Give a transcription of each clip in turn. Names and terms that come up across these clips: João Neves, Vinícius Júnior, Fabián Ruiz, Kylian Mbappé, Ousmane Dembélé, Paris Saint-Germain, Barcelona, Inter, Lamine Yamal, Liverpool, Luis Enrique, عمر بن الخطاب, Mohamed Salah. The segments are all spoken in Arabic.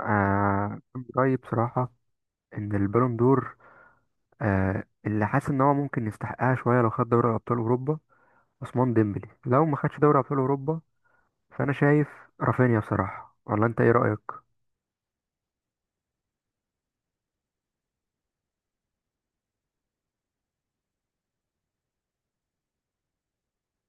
آه رأيي بصراحة، إن البالون دور، اللي حاسس إن هو ممكن يستحقها شوية لو خد دوري أبطال أوروبا. عثمان ديمبلي لو ما خدش دوري أبطال أوروبا، فأنا شايف رافينيا بصراحة. ولا أنت إيه رأيك؟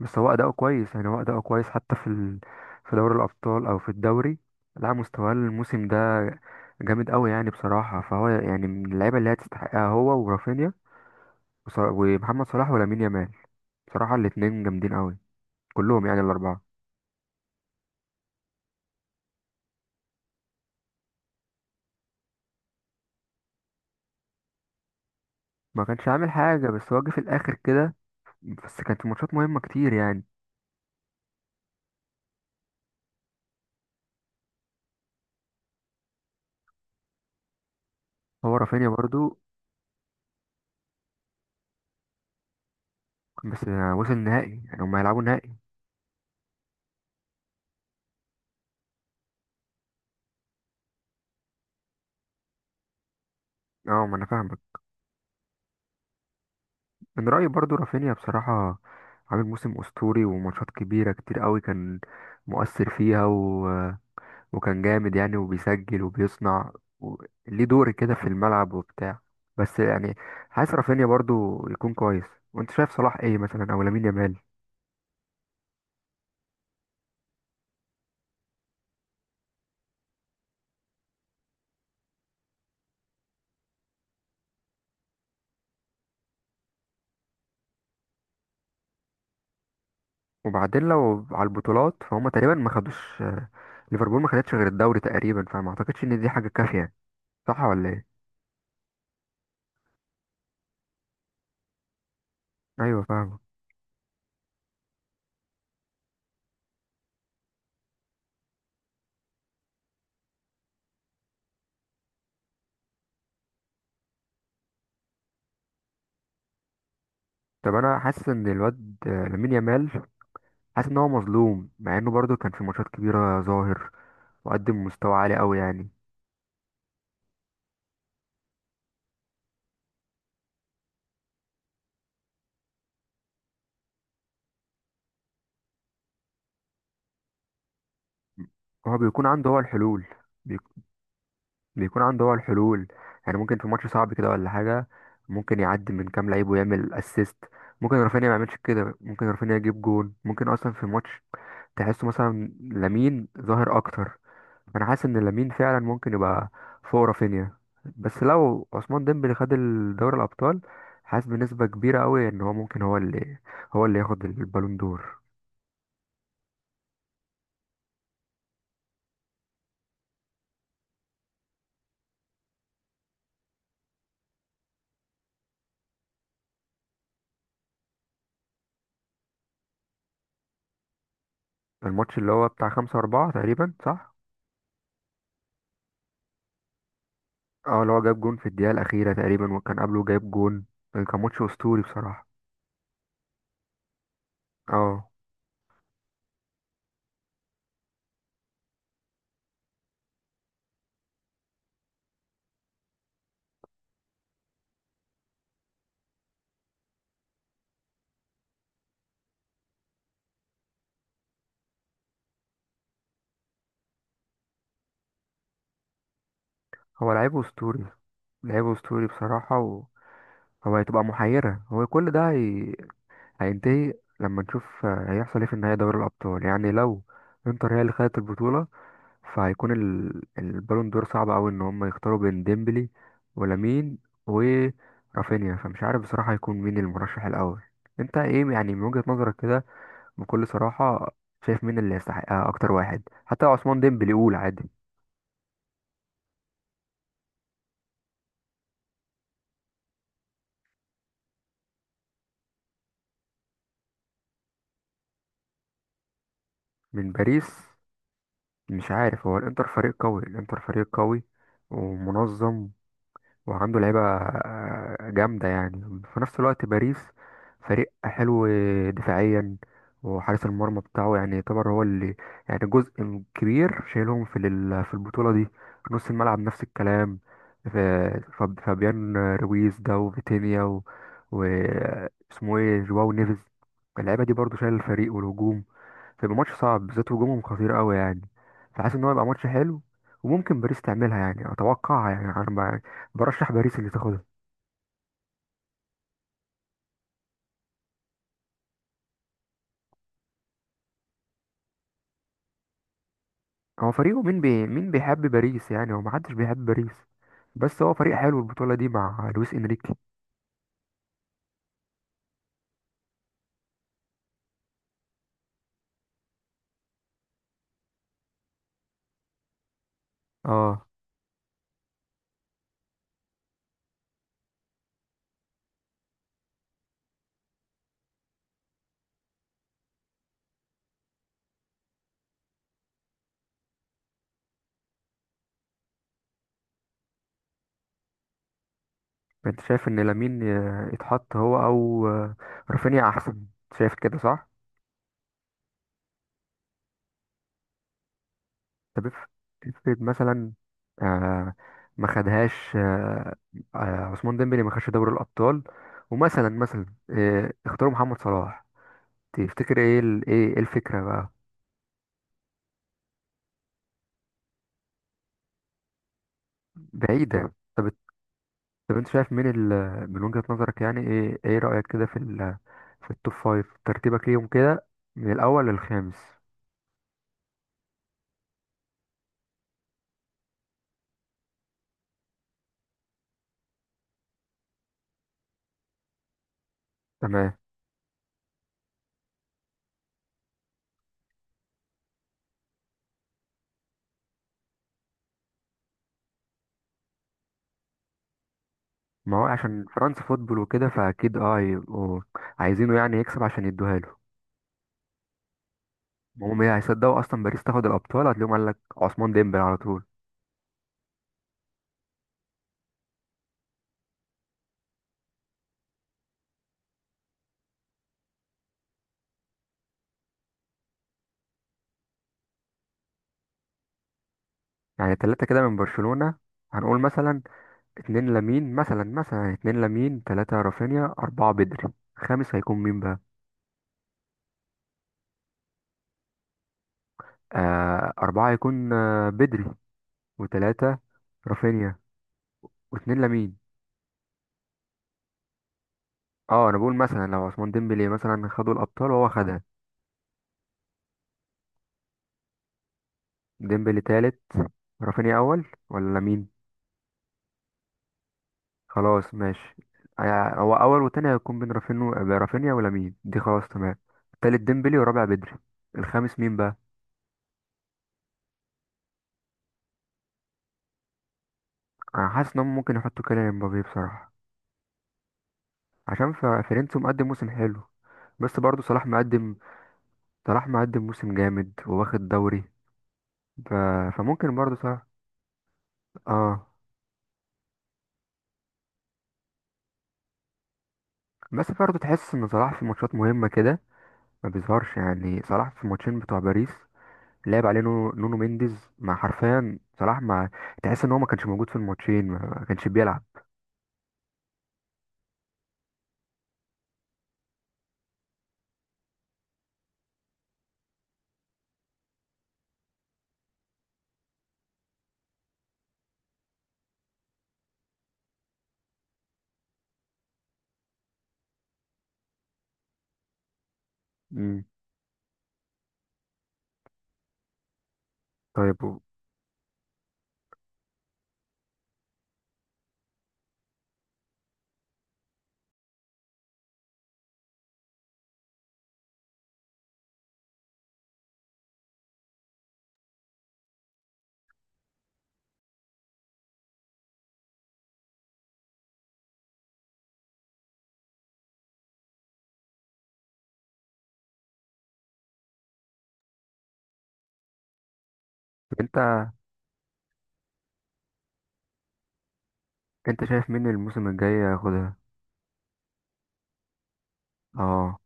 بس هو أداؤه كويس، يعني هو أداؤه كويس حتى في دوري الأبطال أو في الدوري. لا، مستواه الموسم ده جامد أوي، يعني بصراحة فهو يعني من اللعيبة اللي هي تستحقها، هو ورافينيا ومحمد صلاح ولامين يامال. بصراحة الاتنين جامدين أوي، كلهم يعني الأربعة. ما كانش عامل حاجة، بس هو جه في الآخر كده. بس كانت الماتشات مهمة كتير يعني. هو رافينيا برضو، بس يعني وصل النهائي، يعني هما هيلعبوا نهائي. اه، ما انا فاهمك. من رأيي برضو رافينيا بصراحة، عامل موسم أسطوري وماتشات كبيرة كتير قوي، كان مؤثر فيها وكان جامد يعني، وبيسجل وبيصنع و... ليه دور كده في الملعب وبتاع. بس يعني عايز رافينيا برضو يكون كويس. وانت شايف صلاح ايه مثلا او لامين يامال؟ وبعدين لو على البطولات فهم تقريبا ما خدوش، ليفربول ما خدتش غير الدوري تقريبا، فما اعتقدش ان دي حاجه كافيه. صح ولا ايه؟ ايوه، فاهمه. طب انا حاسس ان الواد، لامين يامال، حاسس ان هو مظلوم، مع انه برضه كان في ماتشات كبيره ظاهر، وقدم مستوى عالي قوي يعني. هو بيكون عنده هو الحلول. بيك- بيكون عنده هو الحلول. يعني ممكن في ماتش صعب كده ولا حاجه، ممكن يعدي من كام لعيب ويعمل اسيست. ممكن رافينيا ما يعملش كده، ممكن رافينيا يجيب جون، ممكن اصلا في ماتش تحسه مثلا لامين ظاهر اكتر. فانا حاسس ان لامين فعلا ممكن يبقى فوق رافينيا. بس لو عثمان ديمبلي خد دوري الابطال، حاسس بنسبه كبيره قوي ان هو ممكن، هو اللي ياخد البالون دور. الماتش اللي هو بتاع خمسة أربعة تقريبا، صح؟ اه، اللي هو جاب جون في الدقيقة الأخيرة تقريبا، وكان قبله جايب جون. كان ماتش أسطوري بصراحة. اه. هو لعيب أسطوري، لعيب أسطوري بصراحة. وهو هتبقى محيرة هو كل ده هيتضايق لما نشوف، هيحصل ايه في النهاية دوري الأبطال. يعني لو انتر هي اللي خدت البطولة، فهيكون البالون دور صعب أوي إن هم يختاروا بين ديمبلي ولامين ورافينيا. فمش عارف بصراحة هيكون مين المرشح الأول. انت ايه يعني من وجهة نظرك كده، بكل صراحة؟ شايف مين اللي يستحقها أكتر واحد، حتى لو عثمان ديمبلي؟ يقول عادي. من باريس. مش عارف، هو الانتر فريق قوي، الانتر فريق قوي ومنظم، وعنده لعيبة، جامدة يعني. في نفس الوقت باريس فريق حلو دفاعيا، وحارس المرمى بتاعه يعني يعتبر هو اللي، يعني جزء كبير شايلهم في في البطولة دي. نص الملعب نفس الكلام. ف- فابيان رويز ده، وفيتينيا و... اسمه ايه، جواو نيفيز. اللعيبة دي برضو شايل الفريق والهجوم. فيبقى ماتش صعب، بالذات هجومهم خطير قوي يعني. فحاسس ان هو يبقى ماتش حلو، وممكن باريس تعملها يعني، اتوقعها يعني، انا برشح باريس اللي تاخدها. هو فريقه مين، مين بيحب باريس يعني، هو محدش بيحب باريس. بس هو فريق حلو البطولة دي مع لويس انريكي. اه. انت شايف ان لامين، يتحط هو او، رافينيا احسن؟ شايف كده، صح؟ طب افرض مثلا، آه ما خدهاش، عثمان ديمبلي ما خدش دوري الابطال، ومثلا مثلا آه اختاروا محمد صلاح. تفتكر ايه إيه الفكرة بقى؟ بعيدة. طب، طب انت شايف مين من وجهة نظرك يعني، ايه رأيك كده في في التوب فايف؟ ترتيبك ليهم كده من الأول للخامس. تمام. ما هو عشان فرنسا فوتبول وكده، فأكيد هيبقوا عايزينه يعني يكسب عشان يدوها له. هم ايه، هيصدقوا أصلا باريس تاخد الأبطال؟ هتلاقيهم قال لك عثمان ديمبلي على طول. يعني تلاتة كده من برشلونة، هنقول مثلا اتنين لامين، تلاتة رافينيا، أربعة بدري. خامس هيكون مين بقى؟ أربعة هيكون بدري، وتلاتة رافينيا، واتنين لمين. اه، انا بقول مثلا، لو عثمان ديمبلي مثلا خدوا الابطال، وهو خدها. ديمبلي تالت، رافينيا اول ولا لامين؟ خلاص ماشي. هو اول وتاني هيكون بين رافينيا ولامين، دي خلاص تمام. تالت ديمبلي، ورابع بدري، الخامس مين بقى؟ انا حاسس انهم ممكن يحطوا كيليان مبابي بصراحه، عشان فيرنتو مقدم موسم حلو. بس برضه صلاح مقدم، صلاح مقدم موسم جامد وواخد دوري، ف... فممكن برضه صلاح. اه. بس برضه تحس ان صلاح في ماتشات مهمه كده ما بيظهرش، يعني صلاح في الماتشين بتوع باريس لعب عليه نونو مينديز، مع حرفيا صلاح، ما تحس ان هو ما كانش موجود في الماتشين، ما كانش بيلعب. امم طيب انت انت شايف مين الموسم الجاي ياخدها؟ اه.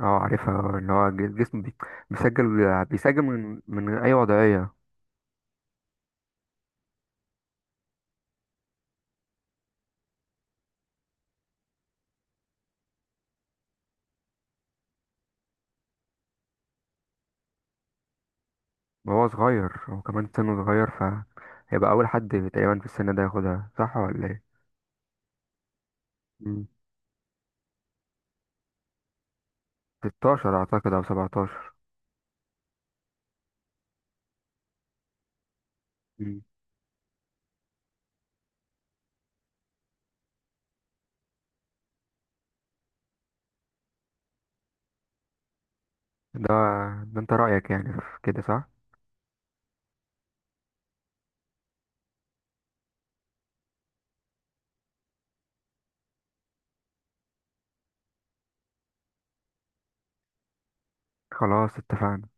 اه، عارفها، اللي هو جسمه، بيسجل من اي وضعية. وهو صغير، هو كمان سنه صغير، فهيبقى اول حد تقريبا في السن ده ياخدها، صح ولا ايه؟ امم 16 اعتقد او 17. امم ده ده انت رأيك يعني في كده، صح؟ خلاص، اتفقنا.